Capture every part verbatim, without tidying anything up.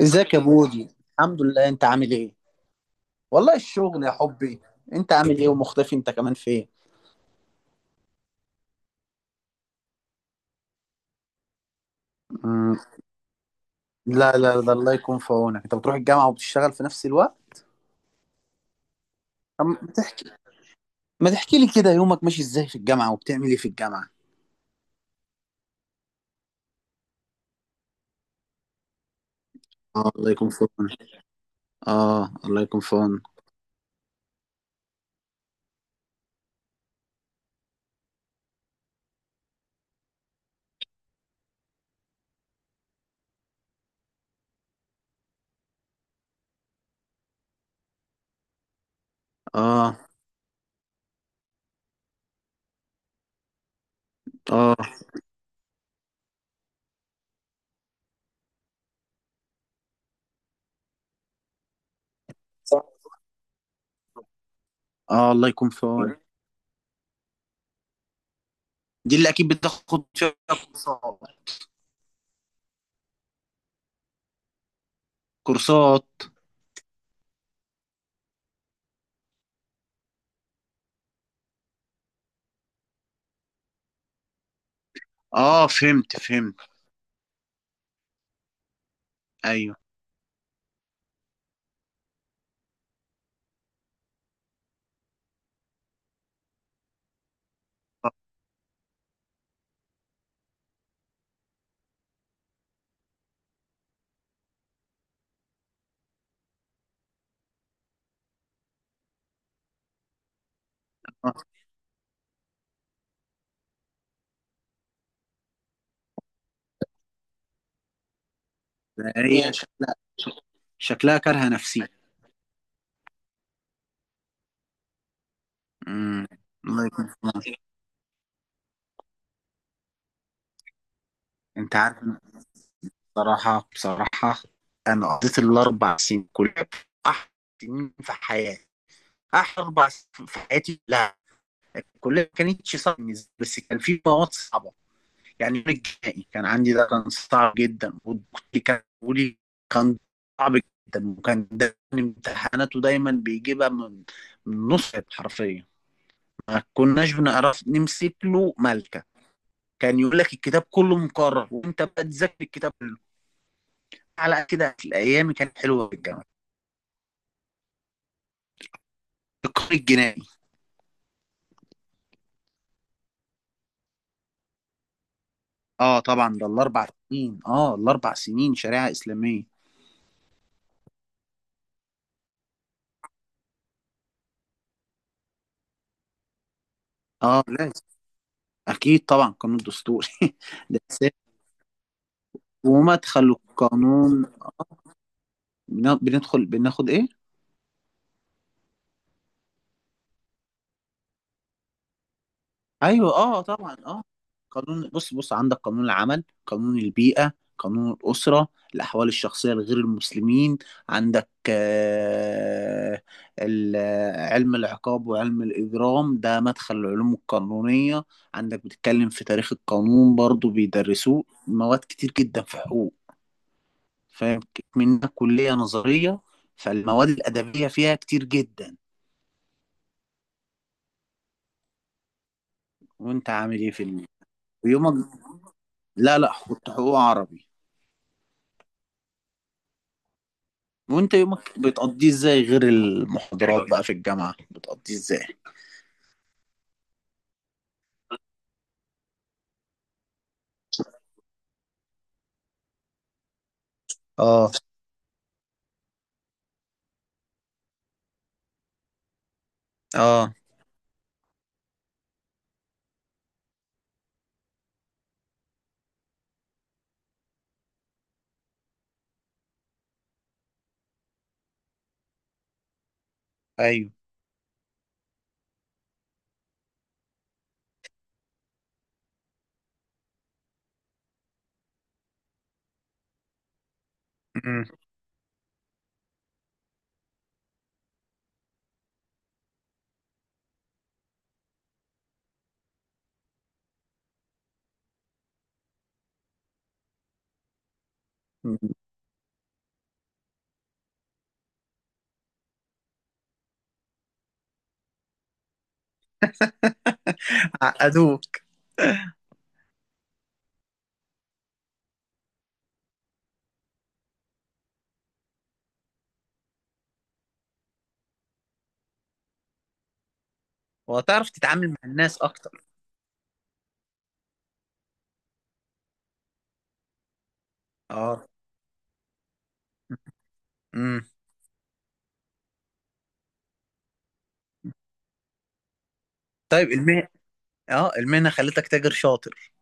ازيك يا بودي. الحمد لله، انت عامل ايه؟ والله الشغل يا حبي. انت عامل ايه ومختفي انت كمان فين؟ مم. لا لا، ده الله يكون في عونك، انت بتروح الجامعة وبتشتغل في نفس الوقت. طب ما تح- ما تحكي لي كده يومك ماشي ازاي في الجامعة وبتعمل ايه في الجامعة؟ اه الله يكون في عونك. اه الله يكون في عونك. اه اه اه الله يكون في عونك. دي اللي اكيد بتاخد فيها كورسات. كورسات. اه فهمت فهمت. ايوه. آه. هي شكلها، شكلها كارهة نفسي. امم. الله يكون في عونك. انت عارف إن بصراحة بصراحة، انا قضيت الاربع سنين كلها احلى سنين في حياتي، احلى اربع سنين في حياتي. لا كلها ما كانتش صعبة بالنسبة لي، بس كان في مواد صعبة. يعني يوم الجنائي كان عندي، ده كان صعب جدا، والدكتور كان بيقول لي كان صعب جدا، وكان دايما امتحاناته دايما بيجيبها من من نص حرفيا، ما كناش بنعرف نمسك له ملكة. كان يقول لك الكتاب كله مكرر، وانت بقى تذاكر الكتاب. على كده في الايام كانت حلوه في الجامعه. القانون الجنائي. اه طبعا، ده الاربع سنين، اه الاربع سنين شريعه اسلاميه. اه لازم. اكيد طبعا، قانون دستوري. ده أساسي. ومدخل القانون. بن- بندخل بناخد ايه؟ ايوه اه طبعا اه. قانون، بص بص، عندك قانون العمل، قانون البيئة، قانون الأسرة، الأحوال الشخصية لغير المسلمين. عندك آه، ال- آه، علم العقاب وعلم الإجرام، ده مدخل العلوم القانونية. عندك بتتكلم في تاريخ القانون برضو بيدرسوه، مواد كتير جدا في حقوق. فاهم؟ منها كلية نظرية، فالمواد الأدبية فيها كتير جدا. وأنت عامل إيه في ال- ويومك. لا لا، كنت حقوق عربي. وانت يومك بتقضيه ازاي غير المحاضرات بقى في الجامعة، بتقضيه ازاي؟ اه. اه. ايوه. امم. عقدوك. وتعرف تتعامل مع الناس اكتر. اه. امم. طيب المهنة، اه المهنة خلتك تاجر شاطر.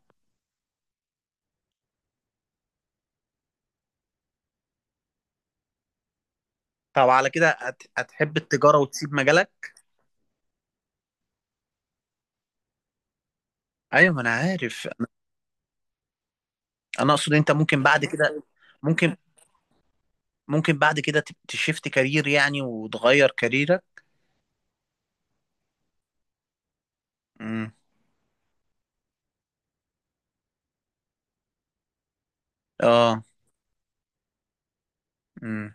طب على كده هت- هتحب التجارة وتسيب مجالك؟ ايوه ما انا عارف. انا اقصد انت ممكن بعد كده، ممكن، ممكن بعد كده ت- تشفت كارير يعني وتغير كاريرك. امم. اه. امم.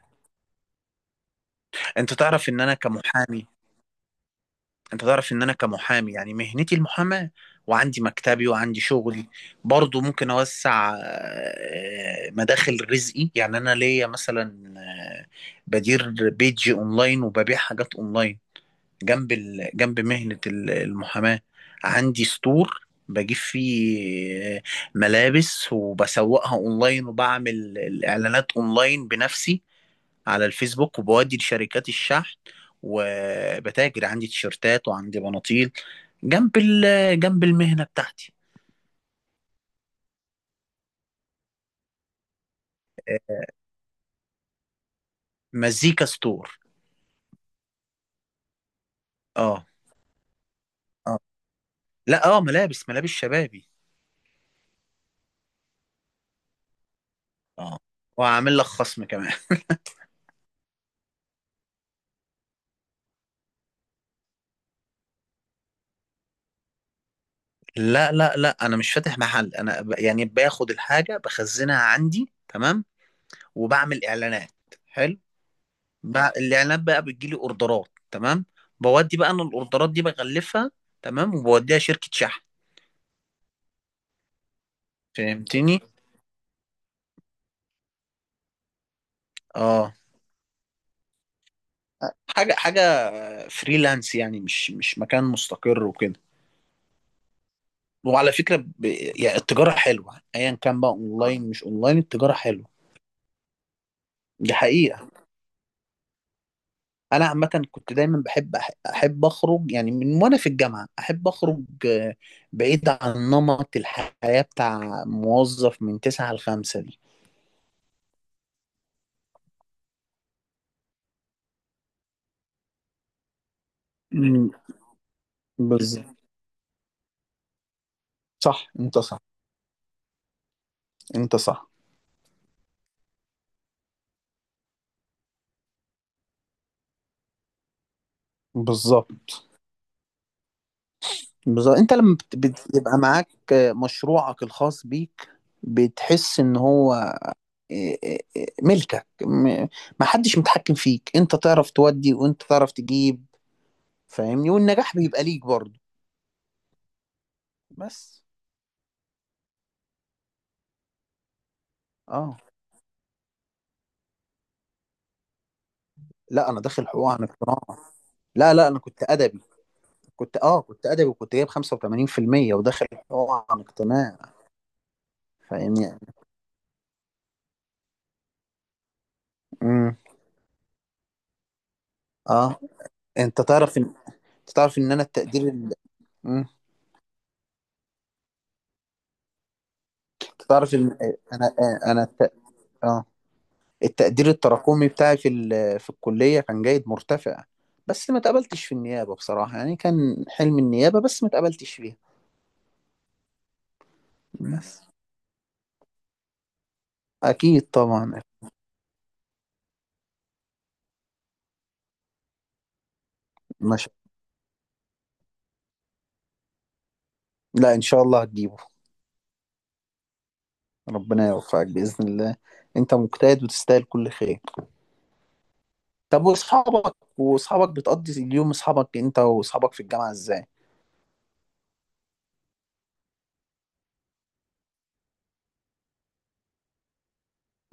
انت تعرف ان انا كمحامي انت تعرف ان انا كمحامي، يعني مهنتي المحاماة، وعندي مكتبي وعندي شغلي. برضو ممكن اوسع آه، مداخل رزقي. يعني انا ليا مثلا آه، بدير بيج اونلاين وببيع حاجات اونلاين جنب ال... جنب مهنة ال- المحاماة. عندي ستور بجيب فيه آه، ملابس وبسوقها اونلاين، وبعمل الاعلانات اونلاين بنفسي على الفيسبوك، وبودي لشركات الشحن. وبتاجر عندي تيشيرتات وعندي بناطيل جنب ال- جنب المهنة بتاعتي. آه، مزيكا ستور. اه. اه. لا اه، ملابس، ملابس شبابي. اه وعامل لك خصم كمان. لا لا لا، انا مش فاتح محل، انا ب... يعني باخد الحاجه بخزنها عندي، تمام؟ وبعمل اعلانات. حلو. ب... الاعلانات بقى بتجيلي اوردرات، تمام؟ بودي بقى انا الاوردرات دي بغلفها، تمام، وبوديها شركه شحن. فهمتني؟ اه. حاجة حاجة فريلانس يعني، مش مش مكان مستقر وكده. وعلى فكرة ب... يعني التجارة حلوة، ايا كان بقى اونلاين مش اونلاين، التجارة حلوة. دي حقيقة. انا عامة كنت دايما بحب أح- احب اخرج يعني، من وانا في الجامعة احب اخرج آه، بعيد عن نمط الحياة بتاع موظف من تسعة لخمسة دي. أمم. بالظبط. صح انت صح. انت صح. بالظبط. بالظبط، انت لما بت- بتبقى معاك مشروعك الخاص بيك، بتحس ان هو ملكك، م- محدش متحكم فيك، انت تعرف تودي وانت تعرف تجيب. فاهمني؟ والنجاح بيبقى ليك برضه. بس. اه. لا انا داخل حقوق عن اقتناع. لا لا، انا كنت ادبي، كنت اه كنت ادبي وكنت جايب خمسة وتمانين في المية وداخل حقوق عن اقتناع. فاهمني؟ امم. اه. انت تعرف ان انت تعرف ان انا التقدير ال... مم. انت تعرف ان انا انا الت... اه التقدير التراكمي بتاعي في ال- في الكلية كان جيد مرتفع، بس ما اتقبلتش في النيابة بصراحة. يعني كان حلم النيابة، بس ما اتقبلتش فيها. بس. أكيد طبعا. مش... لا إن شاء الله هتجيبه. ربنا يوفقك بإذن الله، أنت مجتهد وتستاهل كل خير. طب وأصحابك، وأصحابك بتقضي اليوم أصحابك، أنت وأصحابك في الجامعة إزاي؟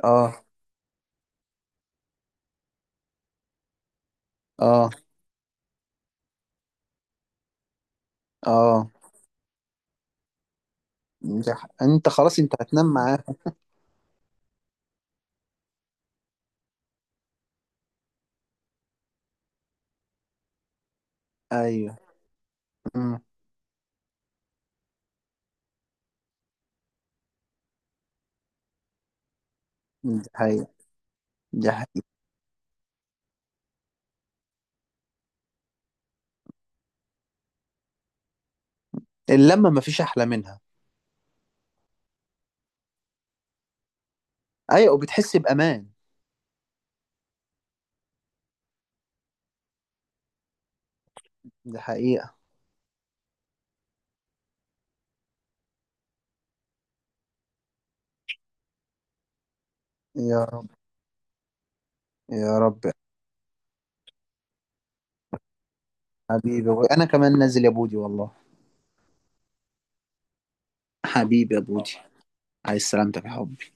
آه. آه. آه. دي ح- أنت خلاص أنت هتنام معاهم. أيوه. أمم. دي حقيقة. دي حقيقة. اللمة مفيش أحلى منها. ايوه وبتحس بامان. دي حقيقه. يا يا رب يا حبيبي. انا كمان نازل يا بودي والله. حبيبي يا بودي، عايز سلامتك يا حبي.